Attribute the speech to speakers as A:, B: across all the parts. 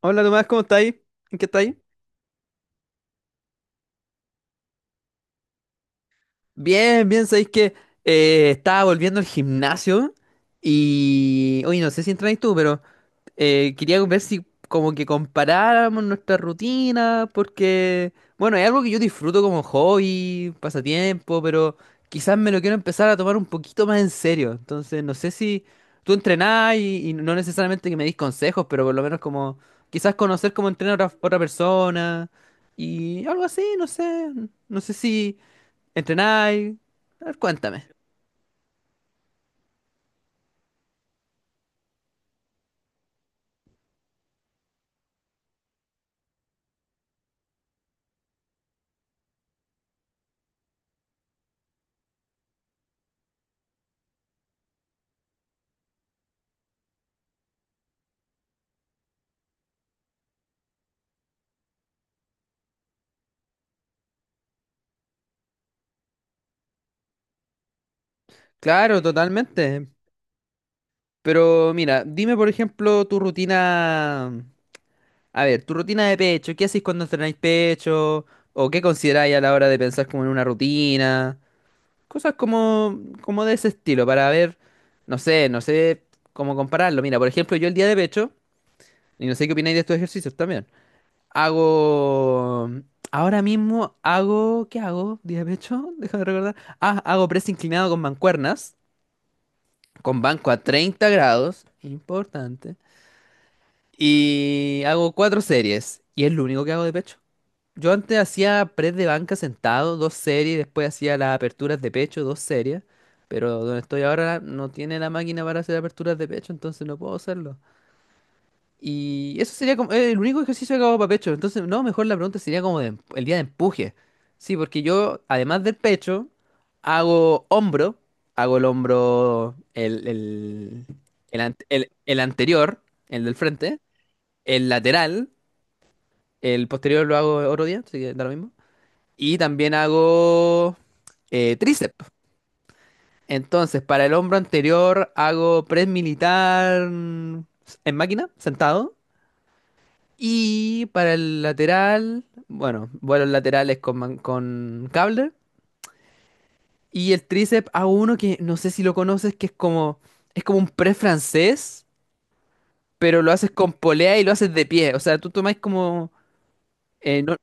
A: Hola Tomás, ¿cómo estáis? ¿En qué estáis? Bien, bien, sabéis que estaba volviendo al gimnasio y. Oye, no sé si entrenáis tú, pero quería ver si como que comparáramos nuestras rutinas, porque, bueno, es algo que yo disfruto como hobby, pasatiempo, pero quizás me lo quiero empezar a tomar un poquito más en serio. Entonces, no sé si tú entrenás y no necesariamente que me des consejos, pero por lo menos como quizás conocer cómo entrena otra persona y algo así, no sé si entrenáis. A ver, cuéntame. Claro, totalmente. Pero mira, dime por ejemplo tu rutina. A ver, tu rutina de pecho, ¿qué hacéis cuando entrenáis pecho? ¿O qué consideráis a la hora de pensar como en una rutina? Cosas como de ese estilo, para ver, no sé cómo compararlo. Mira, por ejemplo, yo el día de pecho, y no sé qué opináis de estos ejercicios también, hago... Ahora mismo hago... ¿Qué hago? ¿Día de pecho? Déjame recordar. Ah, hago press inclinado con mancuernas, con banco a 30 grados, importante. Y hago cuatro series, y es lo único que hago de pecho. Yo antes hacía press de banca sentado, dos series, después hacía las aperturas de pecho, dos series, pero donde estoy ahora no tiene la máquina para hacer aperturas de pecho, entonces no puedo hacerlo. Y eso sería como el único ejercicio que hago para pecho, entonces no, mejor la pregunta sería como de el día de empuje. Sí, porque yo, además del pecho, hago hombro, hago el hombro, el anterior, el del frente, el lateral, el posterior lo hago otro día, así que da lo mismo. Y también hago tríceps. Entonces, para el hombro anterior hago press militar en máquina, sentado. Y para el lateral, bueno, vuelos laterales con cable. Y el tríceps hago uno que no sé si lo conoces, que es como un press francés, pero lo haces con polea y lo haces de pie. O sea, tú tomáis como... eh, no-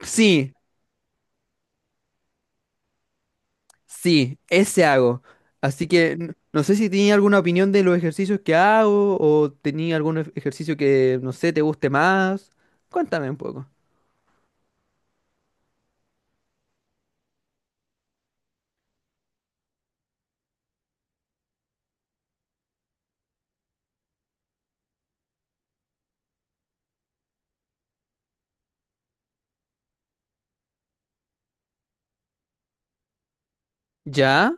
A: sí, sí, ese hago. Así que no sé si tenía alguna opinión de los ejercicios que hago o tenía algún ejercicio que, no sé, te guste más. Cuéntame un poco. ¿Ya?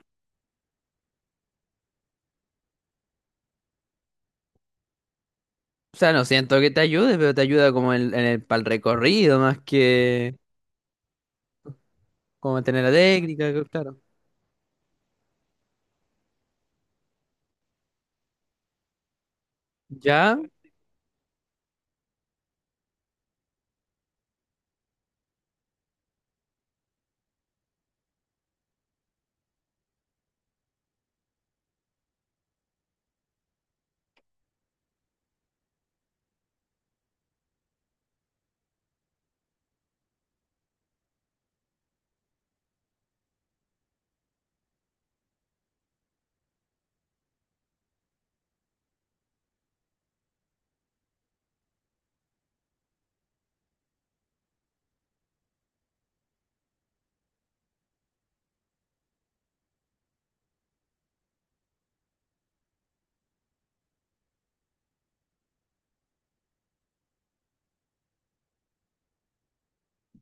A: O sea, no siento que te ayude, pero te ayuda como en el, para el recorrido más que como mantener la técnica, que- claro. ¿Ya?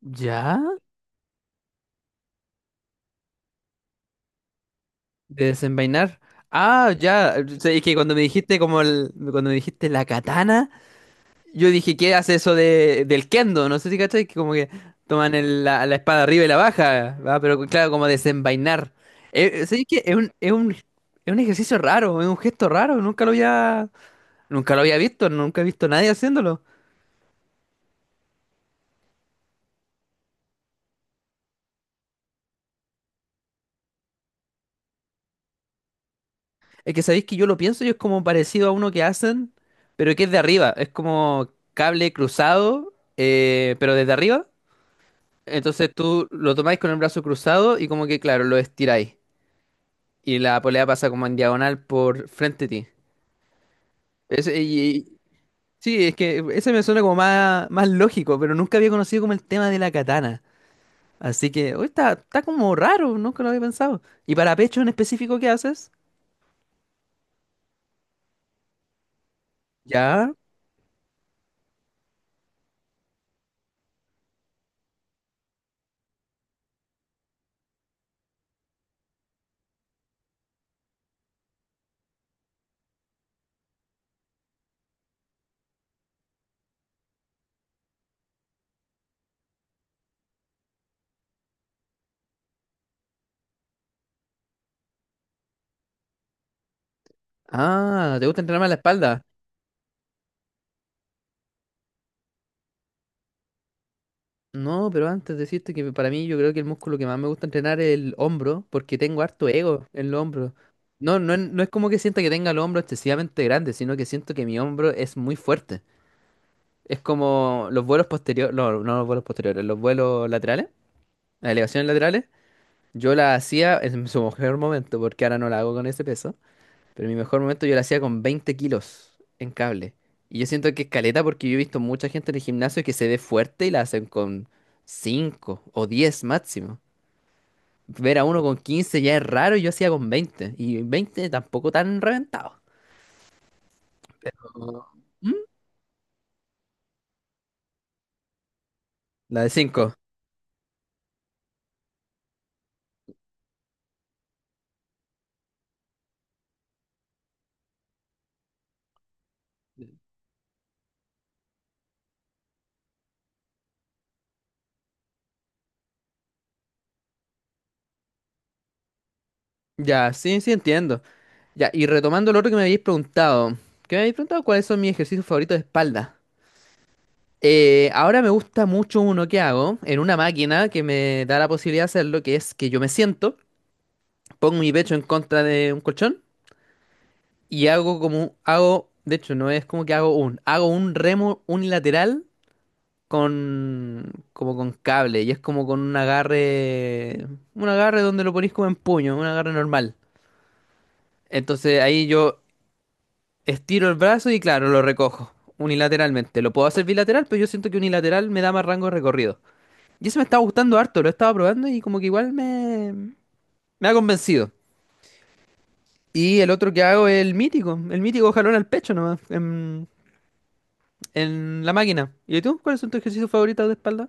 A: ¿Ya? De desenvainar. Ah, ya. O sea, es que cuando me dijiste como el, cuando me dijiste la katana, yo dije, ¿qué hace eso de, del kendo? No sé si cachai, que como que toman la espada arriba y la baja, ¿va? Pero claro, como desenvainar. ¿Sabes qué? Es un, es un, es un ejercicio raro, es un gesto raro, nunca lo había, nunca he visto a nadie haciéndolo. Es que sabéis que yo lo pienso y es como parecido a uno que hacen, pero que es de arriba, es como cable cruzado, pero desde arriba. Entonces tú lo tomáis con el brazo cruzado y como que, claro, lo estiráis. Y la polea pasa como en diagonal por frente a ti. Ese- y- y- sí, es que ese me suena como más lógico, pero nunca había conocido como el tema de la katana. Así que, hoy está, está como raro, nunca lo había pensado. ¿Y para pecho en específico qué haces? Ya. Ah, ¿te gusta entrenar más la espalda? No, pero antes decirte que para mí yo creo que el músculo que más me gusta entrenar es el hombro, porque tengo harto ego en el hombro. No, no, no es como que sienta que tenga el hombro excesivamente grande, sino que siento que mi hombro es muy fuerte. Es como los vuelos posteriores, no, no los vuelos posteriores, los vuelos laterales. Las elevaciones laterales, yo la hacía en su mejor momento, porque ahora no la hago con ese peso, pero en mi mejor momento yo la hacía con 20 kilos en cable. Y yo siento que es caleta porque yo he visto mucha gente en el gimnasio que se ve fuerte y la hacen con 5 o 10 máximo. Ver a uno con 15 ya es raro y yo hacía con 20. Y 20 tampoco tan reventado. No. ¿Mm? La de cinco. Ya, sí, sí entiendo. Ya, y retomando lo otro que me habéis preguntado. ¿Qué me habéis preguntado? ¿Cuáles son mis ejercicios favoritos de espalda? Ahora me gusta mucho uno que hago en una máquina que me da la posibilidad de hacerlo, que es que yo me siento, pongo mi pecho en contra de un colchón y hago como, hago, de hecho no es como que hago un remo unilateral con, como con cable y es como con un agarre donde lo ponís como en puño, un agarre normal. Entonces ahí yo estiro el brazo y claro, lo recojo unilateralmente. Lo puedo hacer bilateral, pero yo siento que unilateral me da más rango de recorrido. Y eso me estaba gustando harto, lo estaba probando y como que igual me, me ha convencido. Y el otro que hago es el mítico jalón al pecho nomás, en la máquina. ¿Y tú? ¿Cuáles son tus ejercicios favoritos de espalda?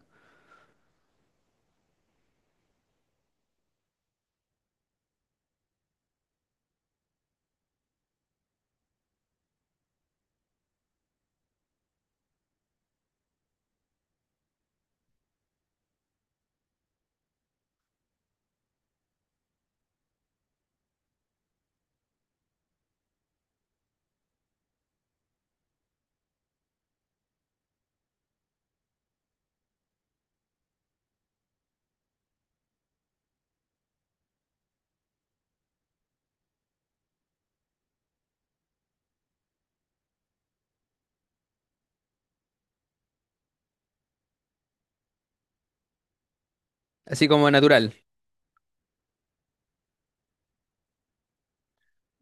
A: Así como natural.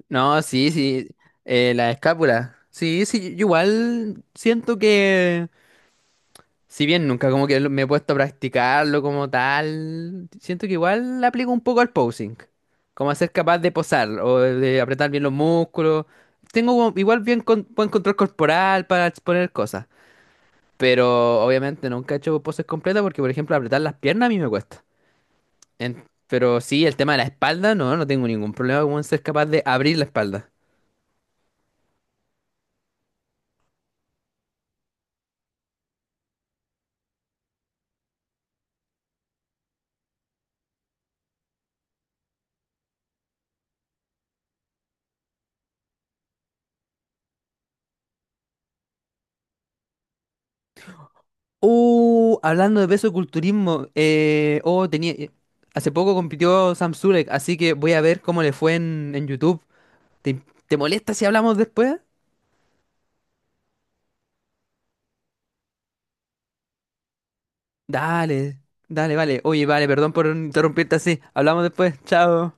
A: No, sí, sí. La escápula. Sí, sí, yo igual siento que si bien nunca como que me he puesto a practicarlo como tal, siento que igual le aplico un poco al posing, como a ser capaz de posar o de apretar bien los músculos. Tengo como igual bien buen control corporal para exponer cosas, pero obviamente nunca he hecho poses completas porque, por ejemplo, apretar las piernas a mí me cuesta. Pero sí, el tema de la espalda, no, no tengo ningún problema con ser capaz de abrir la espalda. Hablando de peso de culturismo, oh, tenía, hace poco compitió Sam Zurek, así que voy a ver cómo le fue en YouTube. ¿Te, te molesta si hablamos después? Dale, dale, vale. Oye, vale, perdón por interrumpirte así. Hablamos después. Chao.